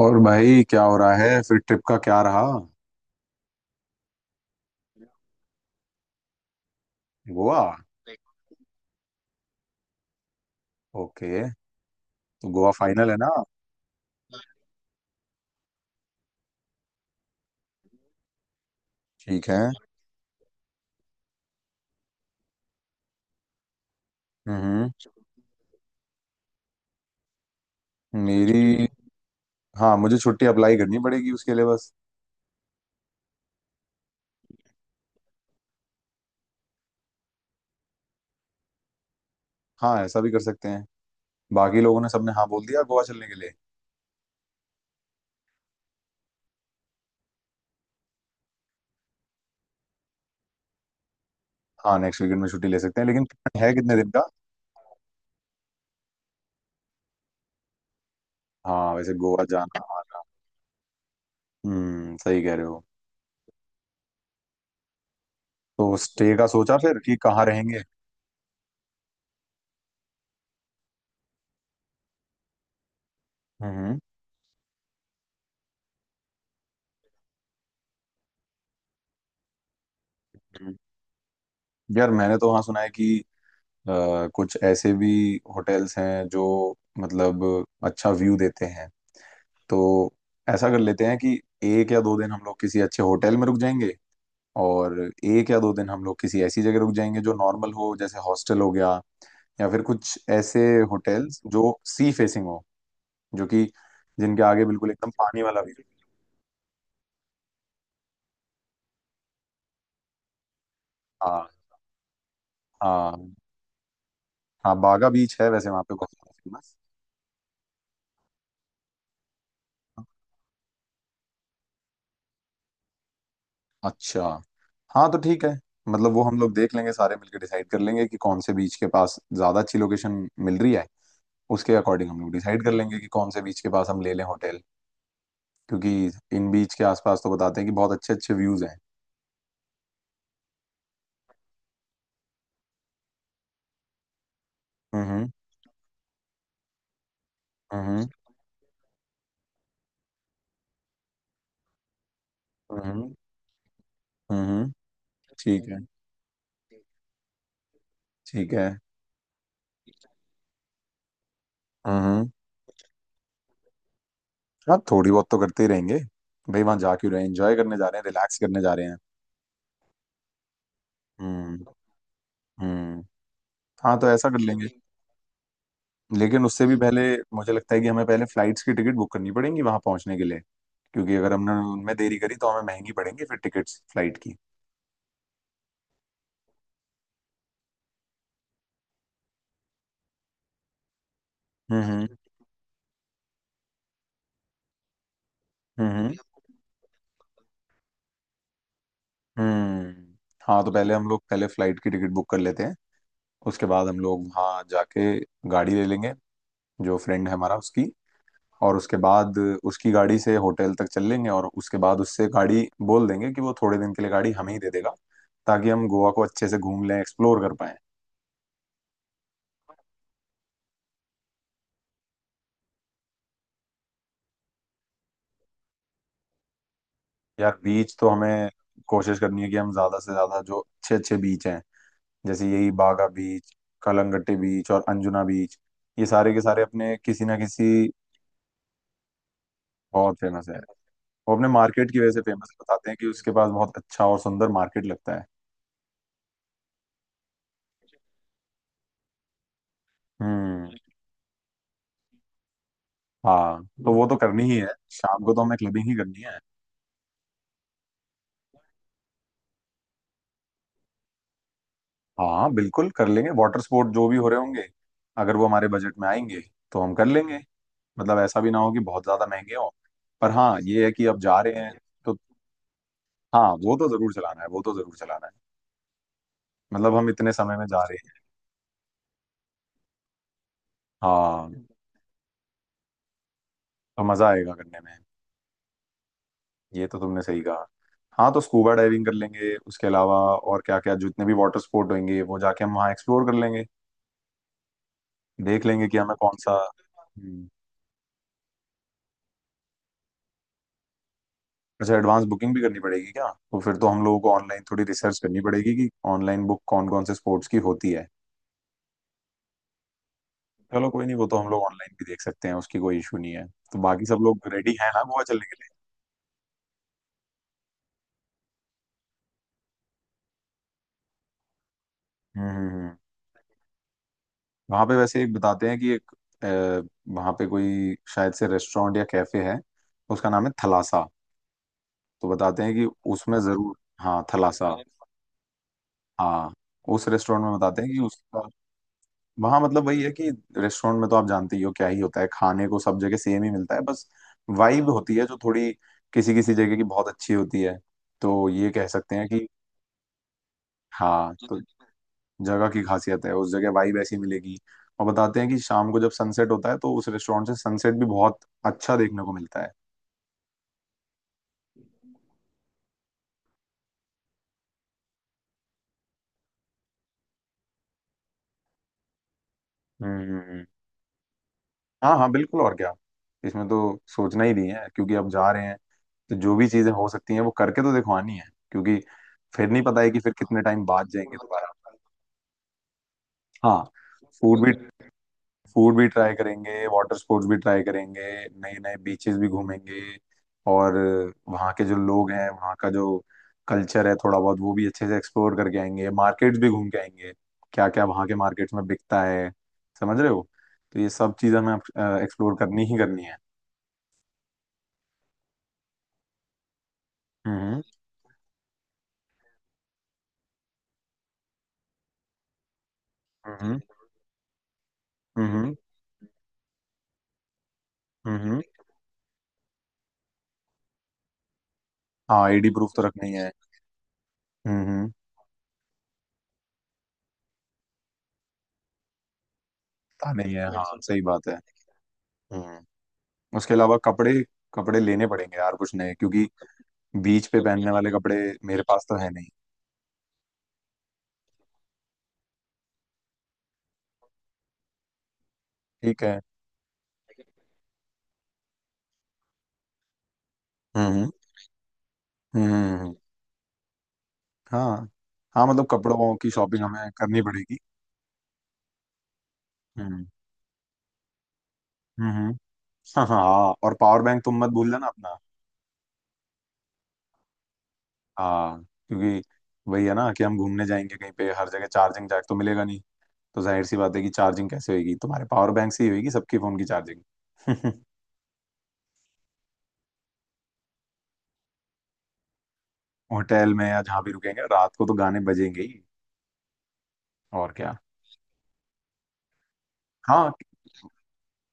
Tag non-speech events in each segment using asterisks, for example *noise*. और भाई क्या हो रहा है? फिर ट्रिप का क्या रहा? गोवा? ओके। तो गोवा फाइनल है ना? ठीक है। हम्म। मेरी... हाँ, मुझे छुट्टी अप्लाई करनी पड़ेगी उसके लिए बस। हाँ, ऐसा भी कर सकते हैं। बाकी लोगों ने सबने हाँ बोल दिया गोवा चलने के लिए। हाँ, नेक्स्ट वीकेंड में छुट्टी ले सकते हैं, लेकिन plan है कितने दिन का? हाँ, वैसे गोवा जाना आना। हम्म, सही कह रहे हो। तो स्टे का सोचा फिर कि कहाँ रहेंगे? हम्म। हम्म। यार, मैंने तो वहाँ सुना है कि कुछ ऐसे भी होटल्स हैं जो मतलब अच्छा व्यू देते हैं। तो ऐसा कर लेते हैं कि एक या दो दिन हम लोग किसी अच्छे होटल में रुक जाएंगे, और एक या दो दिन हम लोग किसी ऐसी जगह रुक जाएंगे जो नॉर्मल हो, जैसे हॉस्टल हो गया, या फिर कुछ ऐसे होटल्स जो सी फेसिंग हो, जो कि जिनके आगे बिल्कुल एकदम पानी वाला व्यू। हाँ हाँ। हाँ, बागा बीच है वैसे, वहाँ पे बहुत फेमस। अच्छा। हाँ तो ठीक है। मतलब वो हम लोग देख लेंगे, सारे मिलकर डिसाइड कर लेंगे कि कौन से बीच के पास ज्यादा अच्छी लोकेशन मिल रही है। उसके अकॉर्डिंग हम लोग डिसाइड कर लेंगे कि कौन से बीच के पास हम ले लें होटल, क्योंकि इन बीच के आसपास तो बताते हैं कि बहुत अच्छे अच्छे व्यूज हैं। हम्म। हम्म। हम्म। हम्म। ठीक है। ठीक है। हम्म। हम्म। हाँ, थोड़ी बहुत तो करते ही रहेंगे। भाई, वहां जा क्यों रहे हैं? एंजॉय करने जा रहे हैं, रिलैक्स करने जा रहे हैं। हम्म। हम्म। हाँ, तो ऐसा कर लेंगे। लेकिन उससे भी पहले मुझे लगता है कि हमें पहले फ्लाइट्स की टिकट बुक करनी पड़ेंगी वहां पहुंचने के लिए, क्योंकि अगर हमने उनमें देरी करी तो हमें महंगी पड़ेंगी फिर टिकट्स फ्लाइट की। हम्म। हम्म। हम्म। हम्म। हाँ, तो पहले हम लोग पहले फ्लाइट की टिकट बुक कर लेते हैं, उसके बाद हम लोग वहाँ जाके गाड़ी ले लेंगे, जो फ्रेंड है हमारा उसकी। और उसके बाद उसकी गाड़ी से होटल तक चल लेंगे, और उसके बाद उससे गाड़ी बोल देंगे कि वो थोड़े दिन के लिए गाड़ी हमें ही दे देगा, ताकि हम गोवा को अच्छे से घूम लें, एक्सप्लोर कर पाए। यार, बीच तो हमें कोशिश करनी है कि हम ज्यादा से ज्यादा जो अच्छे अच्छे बीच हैं, जैसे यही बागा बीच, कलंगट्टे बीच और अंजुना बीच, ये सारे के सारे अपने किसी ना किसी बहुत फेमस है वो अपने मार्केट की वजह से फेमस, बताते हैं कि उसके पास बहुत अच्छा और सुंदर मार्केट लगता है। हम्म। हाँ, तो वो तो करनी ही है, शाम को तो हमें क्लबिंग ही करनी है। हाँ, बिल्कुल कर लेंगे, वाटर स्पोर्ट जो भी हो रहे होंगे अगर वो हमारे बजट में आएंगे तो हम कर लेंगे। मतलब ऐसा भी ना हो कि बहुत ज्यादा महंगे हो। पर हाँ, ये है कि अब जा रहे हैं तो। हाँ, वो तो जरूर चलाना है, वो तो जरूर चलाना है। मतलब हम इतने समय में जा रहे हैं। हाँ, तो मजा आएगा करने में। ये तो तुमने सही कहा। हाँ, तो स्कूबा डाइविंग कर लेंगे, उसके अलावा और क्या क्या जितने भी वाटर स्पोर्ट होंगे वो जाके हम वहाँ एक्सप्लोर कर लेंगे। देख लेंगे कि हमें कौन सा। हम्म। अच्छा, एडवांस बुकिंग भी करनी पड़ेगी क्या? तो फिर तो हम लोगों को ऑनलाइन थोड़ी रिसर्च करनी पड़ेगी कि ऑनलाइन बुक कौन कौन से स्पोर्ट्स की होती है। चलो, कोई नहीं, वो तो हम लोग ऑनलाइन भी देख सकते हैं, उसकी कोई इशू नहीं है। तो बाकी सब लोग रेडी हैं ना गोवा चलने के लिए? हम्म। हम्म। हम्म। वहां पे वैसे एक बताते हैं कि एक अ, वहां पे कोई शायद से रेस्टोरेंट या कैफे है, उसका नाम है थलासा। तो बताते हैं कि उसमें जरूर... हाँ, थलासा मैंने... हाँ, उस रेस्टोरेंट में बताते हैं कि उसका... वहाँ मतलब वही है कि रेस्टोरेंट में तो आप जानते ही हो क्या ही होता है, खाने को सब जगह सेम ही मिलता है, बस वाइब होती है जो थोड़ी किसी किसी जगह की बहुत अच्छी होती है, तो ये कह सकते हैं कि... हाँ, तो जगह की खासियत है, उस जगह वाइब ऐसी मिलेगी। और बताते हैं कि शाम को जब सनसेट होता है तो उस रेस्टोरेंट से सनसेट भी बहुत अच्छा देखने को मिलता है। हम्म। हाँ हाँ, बिल्कुल और क्या। इसमें तो सोचना ही नहीं है, क्योंकि अब जा रहे हैं, तो जो भी चीजें हो सकती हैं वो करके तो दिखवानी है, क्योंकि फिर नहीं पता है कि फिर कितने टाइम बाद जाएंगे दोबारा। हाँ। फूड भी, फूड भी ट्राई करेंगे, वाटर स्पोर्ट्स भी ट्राई करेंगे, नए नए बीचेस भी घूमेंगे। और वहाँ के जो लोग हैं, वहाँ का जो कल्चर है, थोड़ा बहुत वो भी अच्छे से एक्सप्लोर करके आएंगे, मार्केट्स भी घूम के आएंगे। क्या क्या वहाँ के मार्केट्स में बिकता है, समझ रहे हो? तो ये सब चीज़ हमें एक्सप्लोर करनी ही करनी है। हम्म। हम्म। हम्म। हम्म। हाँ, आईडी प्रूफ तो रखनी है। हम्म। पता नहीं है, हाँ सही बात है। हम्म। उसके अलावा कपड़े... कपड़े लेने पड़ेंगे यार कुछ नए, क्योंकि बीच पे तो पहनने वाले कपड़े मेरे पास तो है नहीं। ठीक है। हम्म। हम्म। हाँ। हाँ, मतलब कपड़ों की शॉपिंग हमें करनी पड़ेगी। हम्म। हम्म। हाँ हाँ हाँ, और पावर बैंक तुम मत भूल जाना अपना। हाँ। क्योंकि वही है ना कि हम घूमने जाएंगे कहीं पे, हर जगह चार्जिंग जैक तो मिलेगा नहीं, तो जाहिर सी बात है कि चार्जिंग कैसे होगी? तुम्हारे पावर बैंक से ही होगी सबके फोन की चार्जिंग। *laughs* होटल में या जहाँ भी रुकेंगे रात को तो गाने बजेंगे ही। और क्या। हाँ।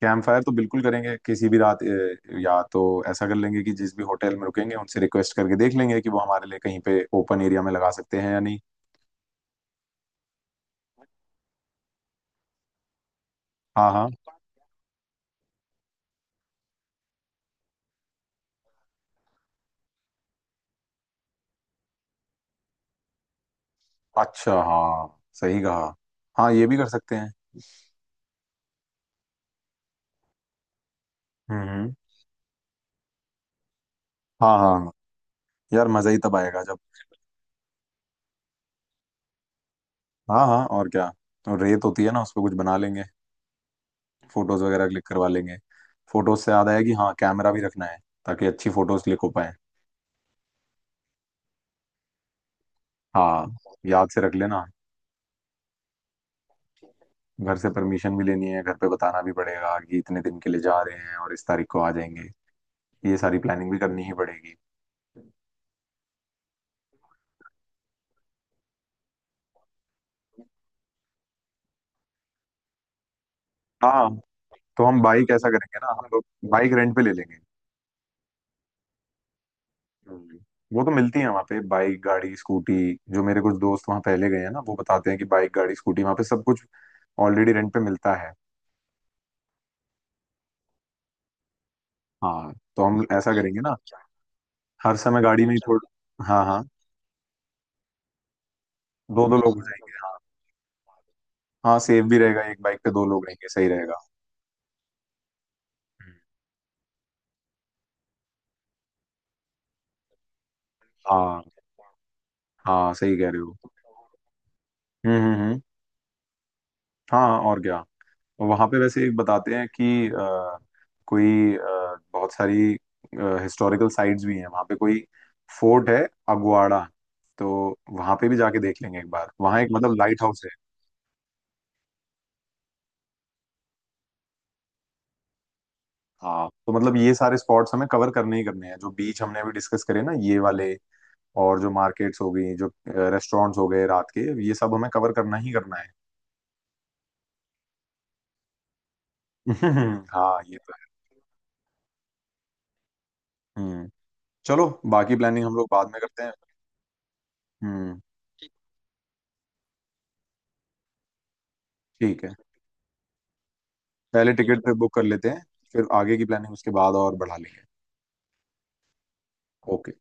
कैंप फायर तो बिल्कुल करेंगे किसी भी रात, या तो ऐसा कर लेंगे कि जिस भी होटल में रुकेंगे उनसे रिक्वेस्ट करके देख लेंगे कि वो हमारे लिए कहीं पे ओपन एरिया में लगा सकते हैं या नहीं। हाँ हाँ। अच्छा, हाँ सही कहा। हाँ, ये भी कर सकते हैं। हम्म। हम्म। हाँ हाँ हाँ। यार, मजा ही तब आएगा जब... हाँ हाँ, और क्या। तो रेत होती है ना उस पर कुछ बना लेंगे, फोटोज वगैरह क्लिक करवा लेंगे। फोटोज से याद आया कि हाँ, कैमरा भी रखना है, ताकि अच्छी फोटोज क्लिक हो पाए। हाँ, याद से रख लेना। घर से परमिशन भी लेनी है, घर पे बताना भी पड़ेगा कि इतने दिन के लिए जा रहे हैं और इस तारीख को आ जाएंगे। ये सारी प्लानिंग भी करनी ही पड़ेगी। हाँ, तो हम बाइक ऐसा करेंगे ना, हम लोग बाइक रेंट पे ले लेंगे। हम्म। वो तो मिलती है वहाँ पे बाइक गाड़ी स्कूटी, जो मेरे कुछ दोस्त वहाँ पहले गए हैं ना वो बताते हैं कि बाइक गाड़ी स्कूटी वहाँ पे सब कुछ ऑलरेडी रेंट पे मिलता है। हाँ, तो हम ऐसा करेंगे ना, हर समय गाड़ी में ही थोड़ा। हाँ हाँ। दो दो लोग हो जाएंगे, हाँ। हाँ, सेफ भी रहेगा, एक बाइक पे दो लोग रहेंगे, सही रहेगा। हाँ, हाँ सही कह रहे हो। हम्म। हम्म। हम्म। हाँ, और क्या। वहां पे वैसे एक बताते हैं कि कोई बहुत सारी हिस्टोरिकल साइट्स भी हैं वहां पे, कोई फोर्ट है अगवाड़ा, तो वहां पे भी जाके देख लेंगे एक बार, वहां एक मतलब लाइट हाउस है। हाँ, तो मतलब ये सारे स्पॉट्स हमें कवर करने ही करने हैं, जो बीच हमने अभी डिस्कस करे ना ये वाले, और जो मार्केट्स हो गई, जो रेस्टोरेंट्स हो गए रात के, ये सब हमें कवर करना ही करना है। *laughs* हाँ, ये तो है। हम्म। चलो, बाकी प्लानिंग हम लोग बाद में करते हैं। हम्म। ठीक है, पहले टिकट बुक कर लेते हैं, फिर आगे की प्लानिंग उसके बाद और बढ़ा लेंगे। ओके।